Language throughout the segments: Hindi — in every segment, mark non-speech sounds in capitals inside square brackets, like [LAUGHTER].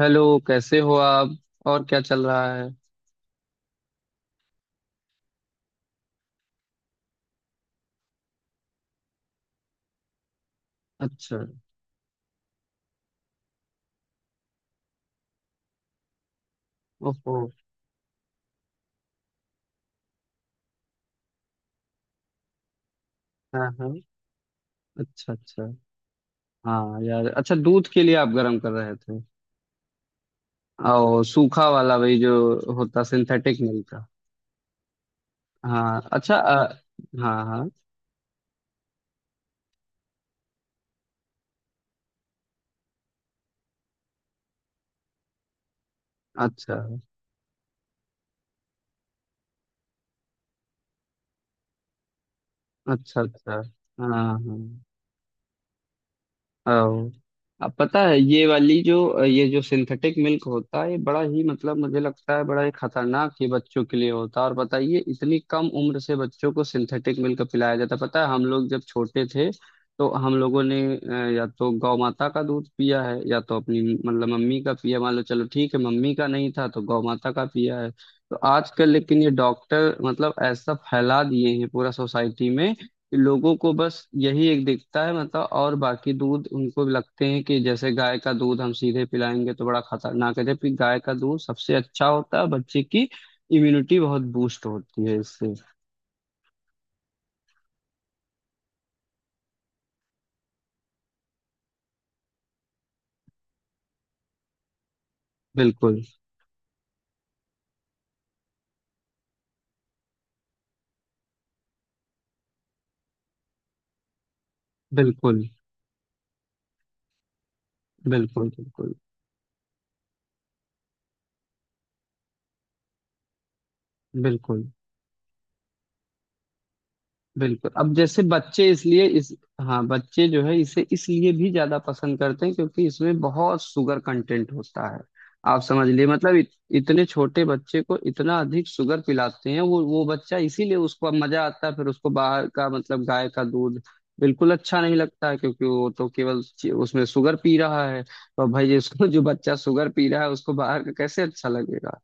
हेलो। कैसे हो आप? और क्या चल रहा है? अच्छा। ओहो। हाँ हाँ। अच्छा अच्छा। हाँ यार, अच्छा दूध के लिए आप गर्म कर रहे थे? और सूखा वाला वही जो होता सिंथेटिक मिल्क का। हाँ अच्छा, हाँ हाँ। अच्छा अच्छा। अच्छा। हाँ हाँ। अब अब पता है ये वाली जो ये जो सिंथेटिक मिल्क होता है ये बड़ा ही मतलब मुझे लगता है बड़ा ही खतरनाक ये बच्चों के लिए होता है। और बताइए, इतनी कम उम्र से बच्चों को सिंथेटिक मिल्क पिलाया जाता है। पता है हम लोग जब छोटे थे तो हम लोगों ने या तो गौ माता का दूध पिया है या तो अपनी मतलब मम्मी का पिया। मान लो चलो ठीक है, मम्मी का नहीं था तो गौ माता का पिया है। तो आजकल लेकिन ये डॉक्टर मतलब ऐसा फैला दिए हैं पूरा सोसाइटी में, लोगों को बस यही एक दिखता है मतलब। और बाकी दूध उनको लगते हैं कि जैसे गाय का दूध हम सीधे पिलाएंगे तो बड़ा खतरनाक है, जबकि गाय का दूध सबसे अच्छा होता है बच्चे की इम्यूनिटी बहुत बूस्ट होती है इससे। बिल्कुल। बिल्कुल। बिल्कुल। बिल्कुल। बिल्कुल। बिल्कुल अब जैसे बच्चे इसलिए इस हाँ बच्चे जो है इसे इसलिए भी ज्यादा पसंद करते हैं क्योंकि इसमें बहुत शुगर कंटेंट होता है। आप समझ लिए मतलब इतने छोटे बच्चे को इतना अधिक शुगर पिलाते हैं। वो बच्चा इसीलिए उसको अब मजा आता है। फिर उसको बाहर का मतलब गाय का दूध बिल्कुल अच्छा नहीं लगता है क्योंकि वो तो केवल उसमें शुगर पी रहा है। तो भाई, इसको जो बच्चा शुगर पी रहा है उसको बाहर का कैसे अच्छा लगेगा?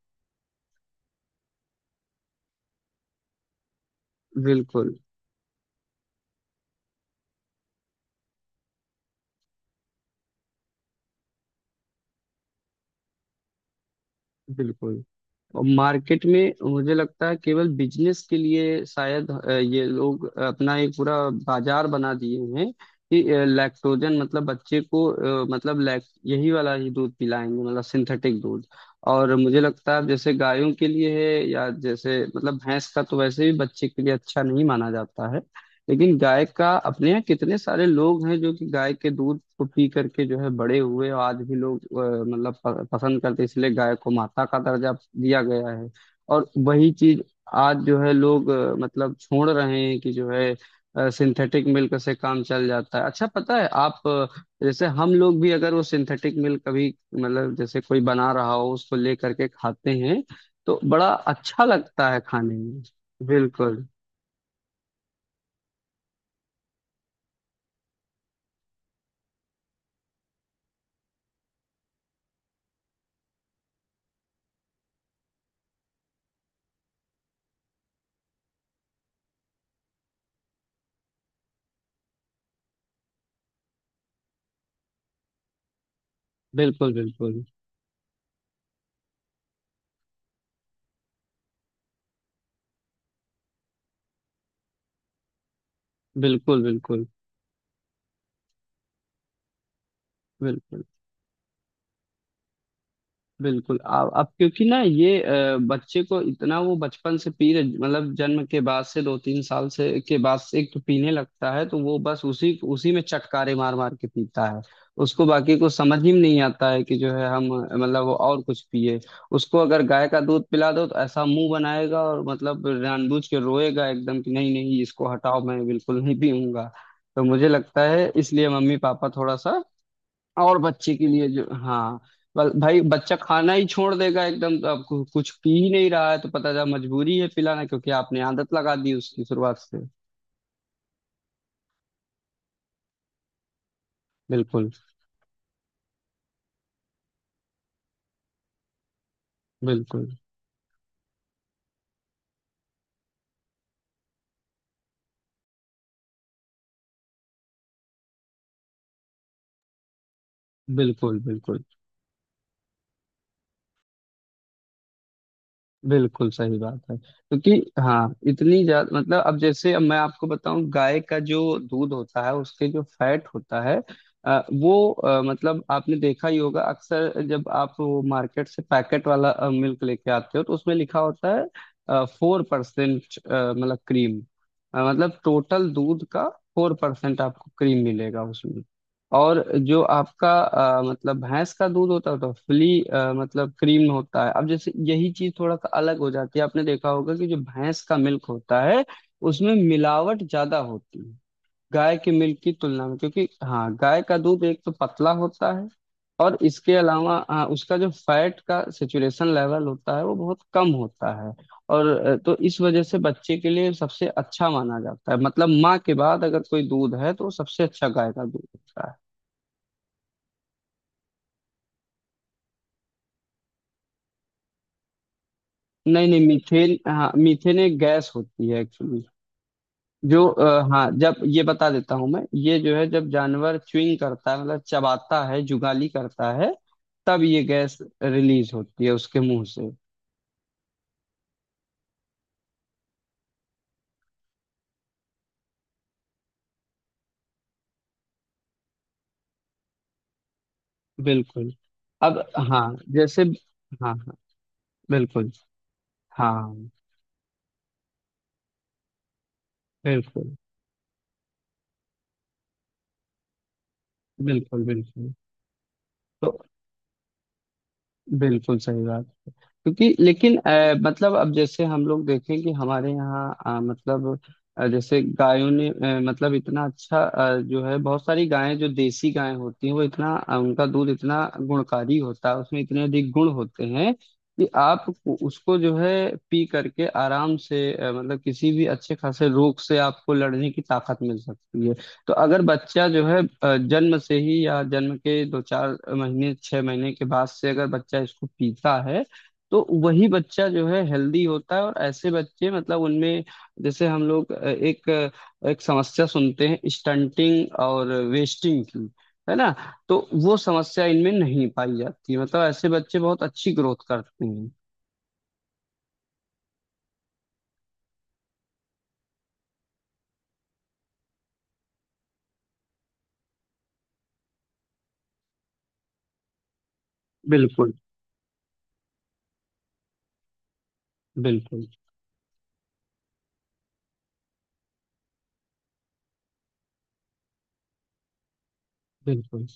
बिल्कुल। बिल्कुल। और मार्केट में मुझे लगता है केवल बिजनेस के लिए शायद ये लोग अपना एक पूरा बाजार बना दिए हैं कि लैक्टोजन मतलब बच्चे को मतलब लैक यही वाला ही दूध पिलाएंगे मतलब सिंथेटिक दूध। और मुझे लगता है जैसे गायों के लिए है या जैसे मतलब भैंस का तो वैसे भी बच्चे के लिए अच्छा नहीं माना जाता है। लेकिन गाय का अपने यहाँ कितने सारे लोग हैं जो कि गाय के दूध को पी करके जो है बड़े हुए और आज भी लोग मतलब पसंद करते हैं, इसलिए गाय को माता का दर्जा दिया गया है। और वही चीज आज जो है लोग मतलब छोड़ रहे हैं कि जो है सिंथेटिक मिल्क से काम चल जाता है। अच्छा पता है आप जैसे हम लोग भी अगर वो सिंथेटिक मिल्क कभी मतलब जैसे कोई बना रहा हो उसको ले करके खाते हैं तो बड़ा अच्छा लगता है खाने में। बिल्कुल। बिल्कुल। बिल्कुल। बिल्कुल। बिल्कुल। बिल्कुल। बिल्कुल। अब क्योंकि ना ये बच्चे को इतना वो बचपन से पी रहे मतलब जन्म के बाद से दो तीन साल से के बाद से एक तो पीने लगता है तो वो बस उसी उसी में चटकारे मार मार के पीता है। उसको बाकी कुछ समझ ही नहीं आता है कि जो है हम मतलब वो और कुछ पिए। उसको अगर गाय का दूध पिला दो तो ऐसा मुंह बनाएगा और मतलब जानबूझ के रोएगा एकदम कि नहीं नहीं इसको हटाओ मैं बिल्कुल नहीं पीऊंगा। तो मुझे लगता है इसलिए मम्मी पापा थोड़ा सा और बच्चे के लिए जो हाँ भाई बच्चा खाना ही छोड़ देगा एकदम, तो अब कुछ पी ही नहीं रहा है तो पता चला मजबूरी है पिलाना क्योंकि आपने आदत लगा दी उसकी शुरुआत से। बिल्कुल। बिल्कुल। बिल्कुल। बिल्कुल। बिल्कुल सही बात है। क्योंकि हाँ इतनी ज्यादा मतलब अब जैसे अब मैं आपको बताऊं गाय का जो दूध होता है उसके जो फैट होता है वो मतलब आपने देखा ही होगा अक्सर जब आप वो मार्केट से पैकेट वाला मिल्क लेके आते हो तो उसमें लिखा होता है 4%, मतलब क्रीम। मतलब टोटल दूध का 4% आपको क्रीम मिलेगा उसमें। और जो आपका मतलब भैंस का दूध होता है तो फुली मतलब क्रीम होता है। अब जैसे यही चीज थोड़ा सा अलग हो जाती है। आपने देखा होगा कि जो भैंस का मिल्क होता है उसमें मिलावट ज्यादा होती है गाय के मिल्क की तुलना में। क्योंकि हाँ गाय का दूध एक तो पतला होता है और इसके अलावा हाँ, उसका जो फैट का सेचुरेशन लेवल होता है वो बहुत कम होता है। और तो इस वजह से बच्चे के लिए सबसे अच्छा माना जाता है मतलब माँ के बाद अगर कोई दूध है तो वो सबसे अच्छा गाय का दूध होता है। नहीं नहीं मीथेन, हाँ मीथेन एक गैस होती है एक्चुअली जो हाँ जब ये बता देता हूँ मैं ये जो है जब जानवर च्युइंग करता है मतलब चबाता है जुगाली करता है तब ये गैस रिलीज होती है उसके मुंह से। बिल्कुल। अब हाँ जैसे हाँ हाँ बिल्कुल। हाँ बिल्कुल। बिल्कुल। बिल्कुल। तो बिल्कुल सही बात। क्योंकि लेकिन मतलब अब जैसे हम लोग देखें कि हमारे यहाँ मतलब जैसे गायों ने मतलब इतना अच्छा जो है बहुत सारी गायें जो देसी गायें होती हैं वो इतना उनका दूध इतना गुणकारी होता है उसमें इतने अधिक गुण होते हैं कि आप उसको जो है पी करके आराम से मतलब किसी भी अच्छे खासे रोग से आपको लड़ने की ताकत मिल सकती है। तो अगर बच्चा जो है जन्म से ही या जन्म के दो चार महीने 6 महीने के बाद से अगर बच्चा इसको पीता है तो वही बच्चा जो है हेल्दी होता है। और ऐसे बच्चे मतलब उनमें जैसे हम लोग एक समस्या सुनते हैं स्टंटिंग और वेस्टिंग की, है ना? तो वो समस्या इनमें नहीं पाई जाती मतलब ऐसे बच्चे बहुत अच्छी ग्रोथ करते हैं। बिल्कुल। बिल्कुल। बिल्कुल।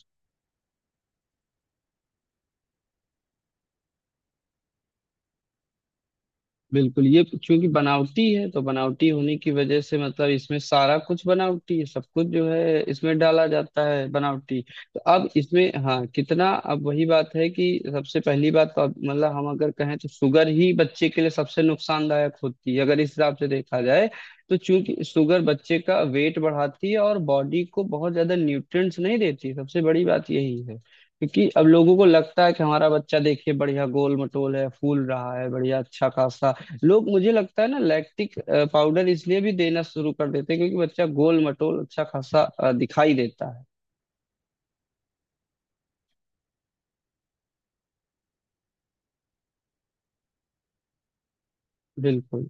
बिल्कुल ये क्योंकि बनावटी है तो बनावटी होने की वजह से मतलब इसमें सारा कुछ बनावटी है, सब कुछ जो है इसमें डाला जाता है बनावटी। तो अब इसमें हाँ कितना अब वही बात है कि सबसे पहली बात तो अब मतलब हम अगर कहें तो शुगर ही बच्चे के लिए सबसे नुकसानदायक होती है अगर इस हिसाब से देखा जाए। तो चूंकि शुगर बच्चे का वेट बढ़ाती है और बॉडी को बहुत ज्यादा न्यूट्रिएंट्स नहीं देती, सबसे बड़ी बात यही है। क्योंकि अब लोगों को लगता है कि हमारा बच्चा देखिए बढ़िया गोल मटोल है फूल रहा है बढ़िया अच्छा खासा। लोग मुझे लगता है ना लैक्टिक पाउडर इसलिए भी देना शुरू कर देते हैं क्योंकि बच्चा गोल मटोल अच्छा खासा दिखाई देता है। बिल्कुल।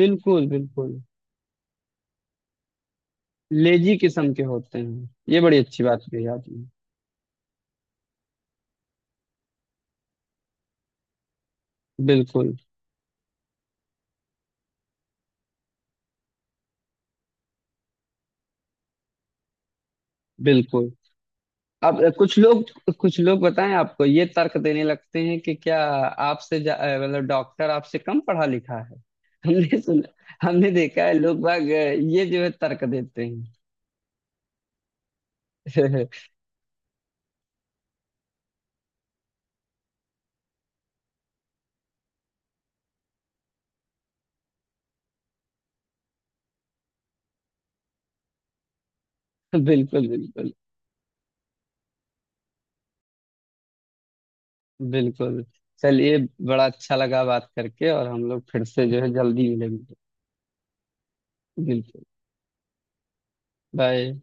बिल्कुल। बिल्कुल लेजी किस्म के होते हैं ये, बड़ी अच्छी बात कही आपने। बिल्कुल। बिल्कुल अब कुछ लोग बताएं आपको ये तर्क देने लगते हैं कि क्या आपसे मतलब डॉक्टर आपसे कम पढ़ा लिखा है? हमने सुना, हमने देखा है लोग बाग ये जो है तर्क देते हैं। [LAUGHS] बिल्कुल। बिल्कुल। बिल्कुल चलिए, बड़ा अच्छा लगा बात करके और हम लोग फिर से जो है जल्दी मिलेंगे। बिल्कुल। बाय।